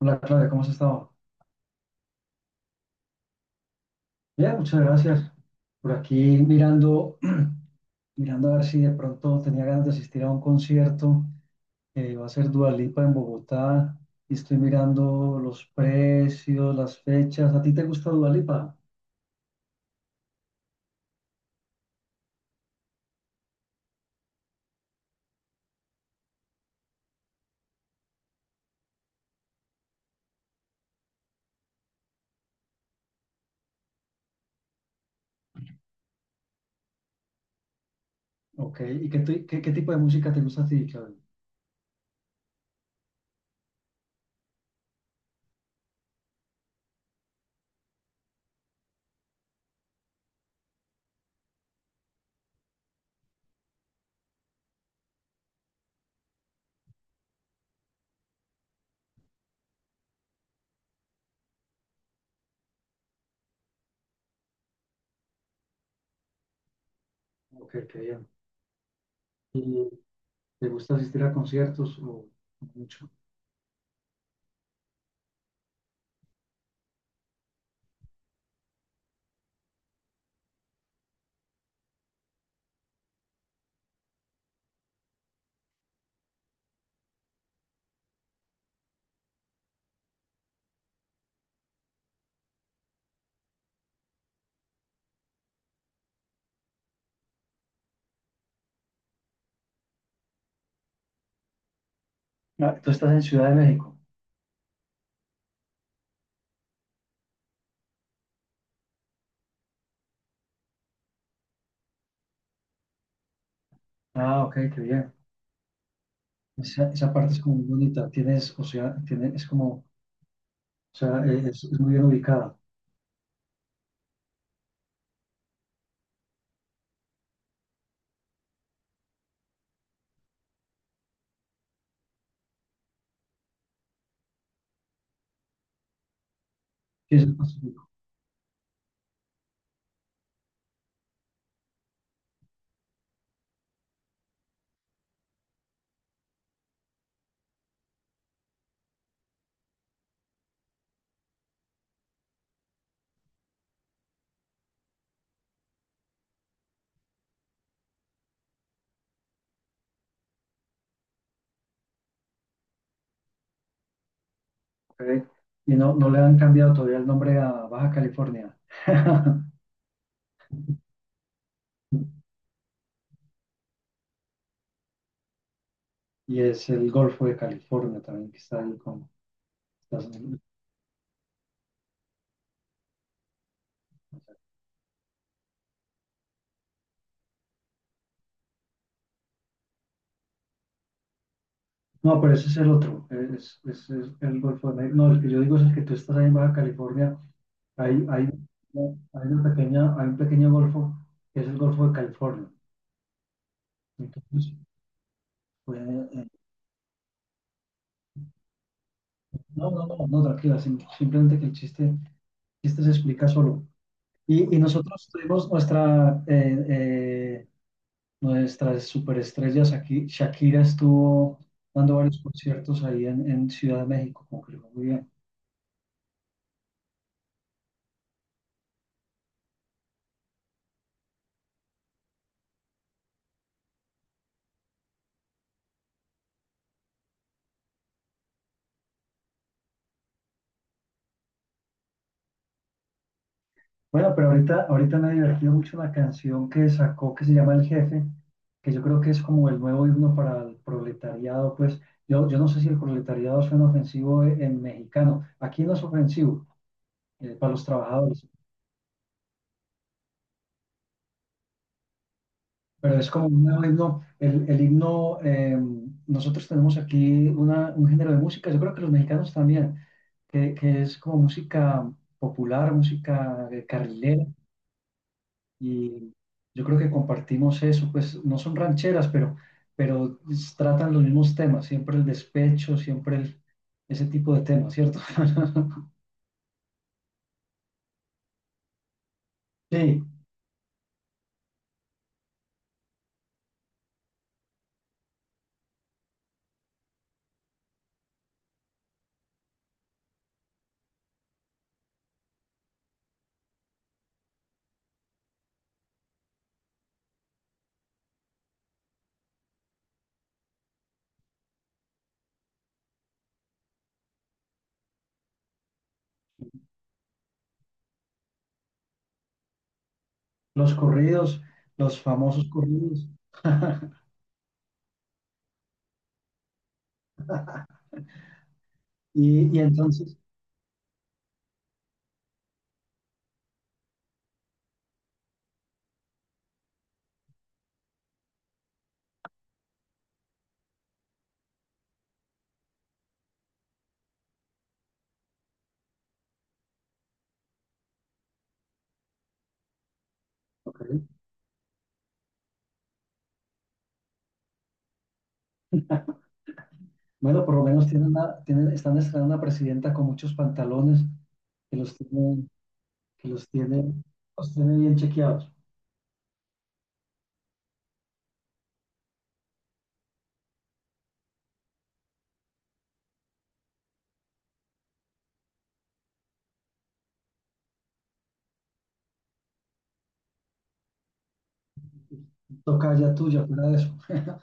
Hola Claudia, ¿cómo has estado? Bien, muchas gracias. Por aquí mirando, mirando a ver si de pronto tenía ganas de asistir a un concierto. Va a ser Dua Lipa en Bogotá y estoy mirando los precios, las fechas. ¿A ti te gusta Dua Lipa? Ok, ¿y qué tipo de música te gusta a ti, Claudia? Ok, qué bien. ¿Y te gusta asistir a conciertos o mucho? Ah, tú estás en Ciudad de México. Ah, ok, qué bien. Esa parte es como muy bonita. Tienes, o sea, es como. O sea, es muy bien ubicada. Sí, es el Pacífico, ok. Y no, no le han cambiado todavía el nombre a Baja California. Y es el Golfo de California también, que está ahí con Estados Unidos. No, pero ese es el otro, es el Golfo de México. No, el que yo digo es el que tú estás ahí en Baja California. Hay, hay, hay una pequeña, hay un pequeño golfo que es el Golfo de California. Entonces, pues, no, no, no, no, tranquila, simplemente que el chiste se explica solo. Y nosotros tuvimos nuestra, nuestras superestrellas aquí. Shakira estuvo dando varios conciertos ahí en Ciudad de México, concluyó muy bien. Bueno, pero ahorita, ahorita me ha divertido mucho una canción que sacó que se llama El Jefe, que yo creo que es como el nuevo himno para el proletariado. Pues yo no sé si el proletariado suena ofensivo en mexicano. Aquí no es ofensivo, para los trabajadores. Pero es como un nuevo himno, el himno, nosotros tenemos aquí una, un género de música, yo creo que los mexicanos también, que es como música popular, música carrilera, y yo creo que compartimos eso, pues no son rancheras, pero, tratan los mismos temas, siempre el despecho, ese tipo de temas, ¿cierto? Sí, los corridos, los famosos corridos. Y, y entonces, ok. Bueno, por lo menos tienen una, tienen, están estrenando una presidenta con muchos pantalones que los tiene, que los tiene bien chequeados. Toca ya tuya, fuera de eso.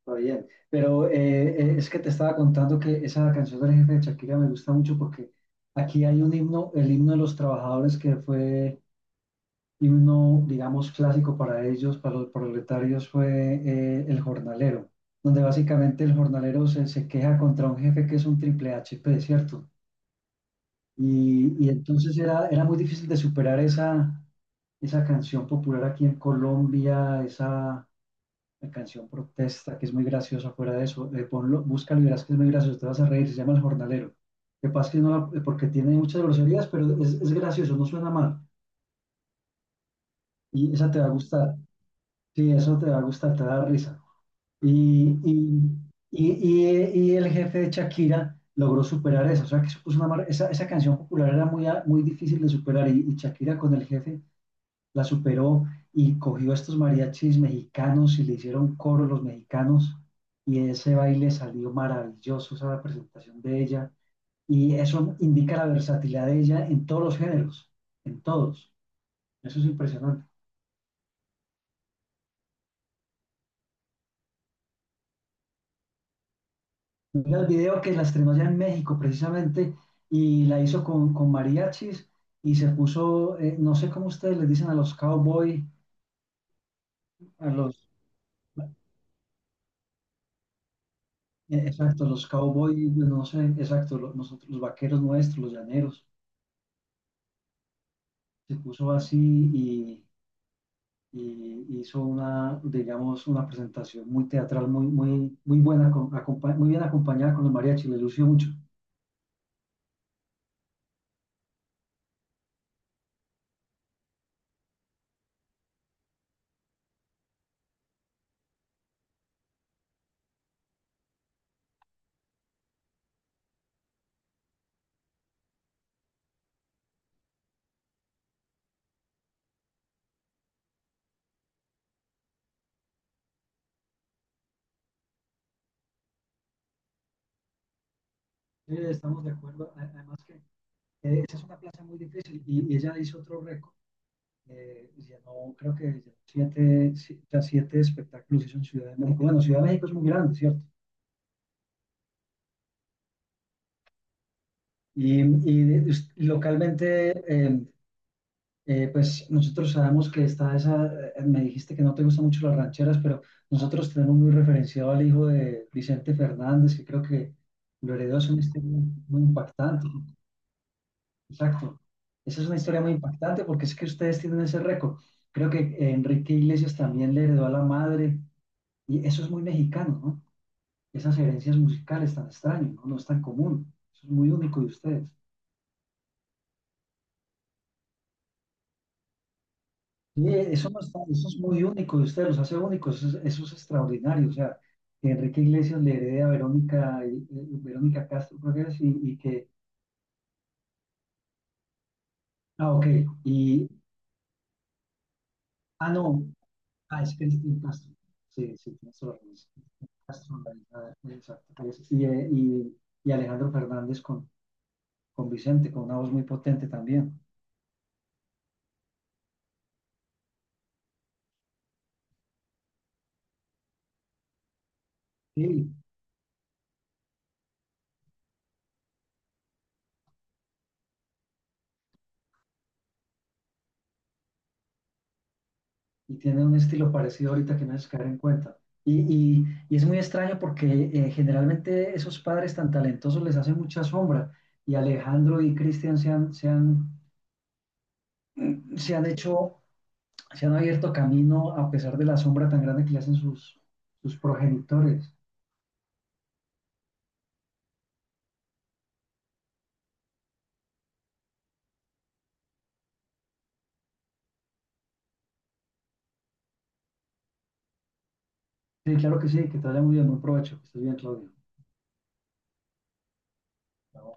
Está bien. Pero es que te estaba contando que esa canción del jefe de Shakira me gusta mucho porque aquí hay un himno, el himno de los trabajadores que fue himno, digamos, clásico para ellos, para los proletarios, fue El Jornalero, donde básicamente el jornalero se, se queja contra un jefe que es un triple H, HP, ¿cierto? Y entonces era, era muy difícil de superar esa, esa canción popular aquí en Colombia, esa canción protesta, que es muy graciosa fuera de eso. Ponlo, búscalo y verás que es muy gracioso, te vas a reír, se llama El Jornalero. Lo que pasa es que no, porque tiene muchas groserías, pero es gracioso, no suena mal. Y esa te va a gustar, sí, eso te va a gustar, te va a dar risa. Y, y, y, y y el jefe de Shakira logró superar eso. O sea, que supuso una esa, esa canción popular era muy, muy difícil de superar y Shakira con el jefe la superó y cogió a estos mariachis mexicanos y le hicieron coro los mexicanos y ese baile salió maravilloso, esa presentación de ella. Y eso indica la versatilidad de ella en todos los géneros, en todos. Eso es impresionante. Mira el video que la estrenó allá en México precisamente y la hizo con mariachis y se puso, no sé cómo ustedes les dicen a los cowboy, a los, exacto, los cowboy, no sé, exacto, nosotros, los vaqueros nuestros, los llaneros, se puso así y, y hizo una, digamos, una presentación muy teatral, muy, muy, muy buena, muy bien acompañada con los mariachis, le lució mucho. Sí, estamos de acuerdo, además que esa es una plaza muy difícil y ella hizo otro récord. Llenó, creo que llenó siete, ya siete espectáculos en Ciudad de México. Bueno, Ciudad de México es muy grande, ¿cierto? Y, localmente, eh, pues nosotros sabemos que está esa, me dijiste que no te gustan mucho las rancheras, pero nosotros tenemos muy referenciado al hijo de Vicente Fernández, que creo que lo heredó, es una historia muy impactante. Exacto. Esa es una historia muy impactante porque es que ustedes tienen ese récord. Creo que Enrique Iglesias también le heredó a la madre y eso es muy mexicano, ¿no? Esas herencias musicales tan extrañas, ¿no? No es tan común. Eso es muy único de ustedes. Sí, eso, no está, eso es muy único de ustedes, los hace únicos, eso es extraordinario. O sea, que Enrique Iglesias le herede a Verónica, Verónica Castro, creo que es, y que, ah, ok, y, ah, no, ah, es Cristina Castro. Sí, sí, tienes toda la razón. Castro, exacto. Y Alejandro Fernández con Vicente, con una voz muy potente también. Sí, y tiene un estilo parecido ahorita que no haces caer en cuenta. Y, y y es muy extraño porque generalmente esos padres tan talentosos les hacen mucha sombra y Alejandro y Cristian se han, se han, se han hecho, se han abierto camino a pesar de la sombra tan grande que le hacen sus, sus progenitores. Sí, claro que sí, que te vaya muy bien, buen provecho, que estés bien, Claudio. Chao.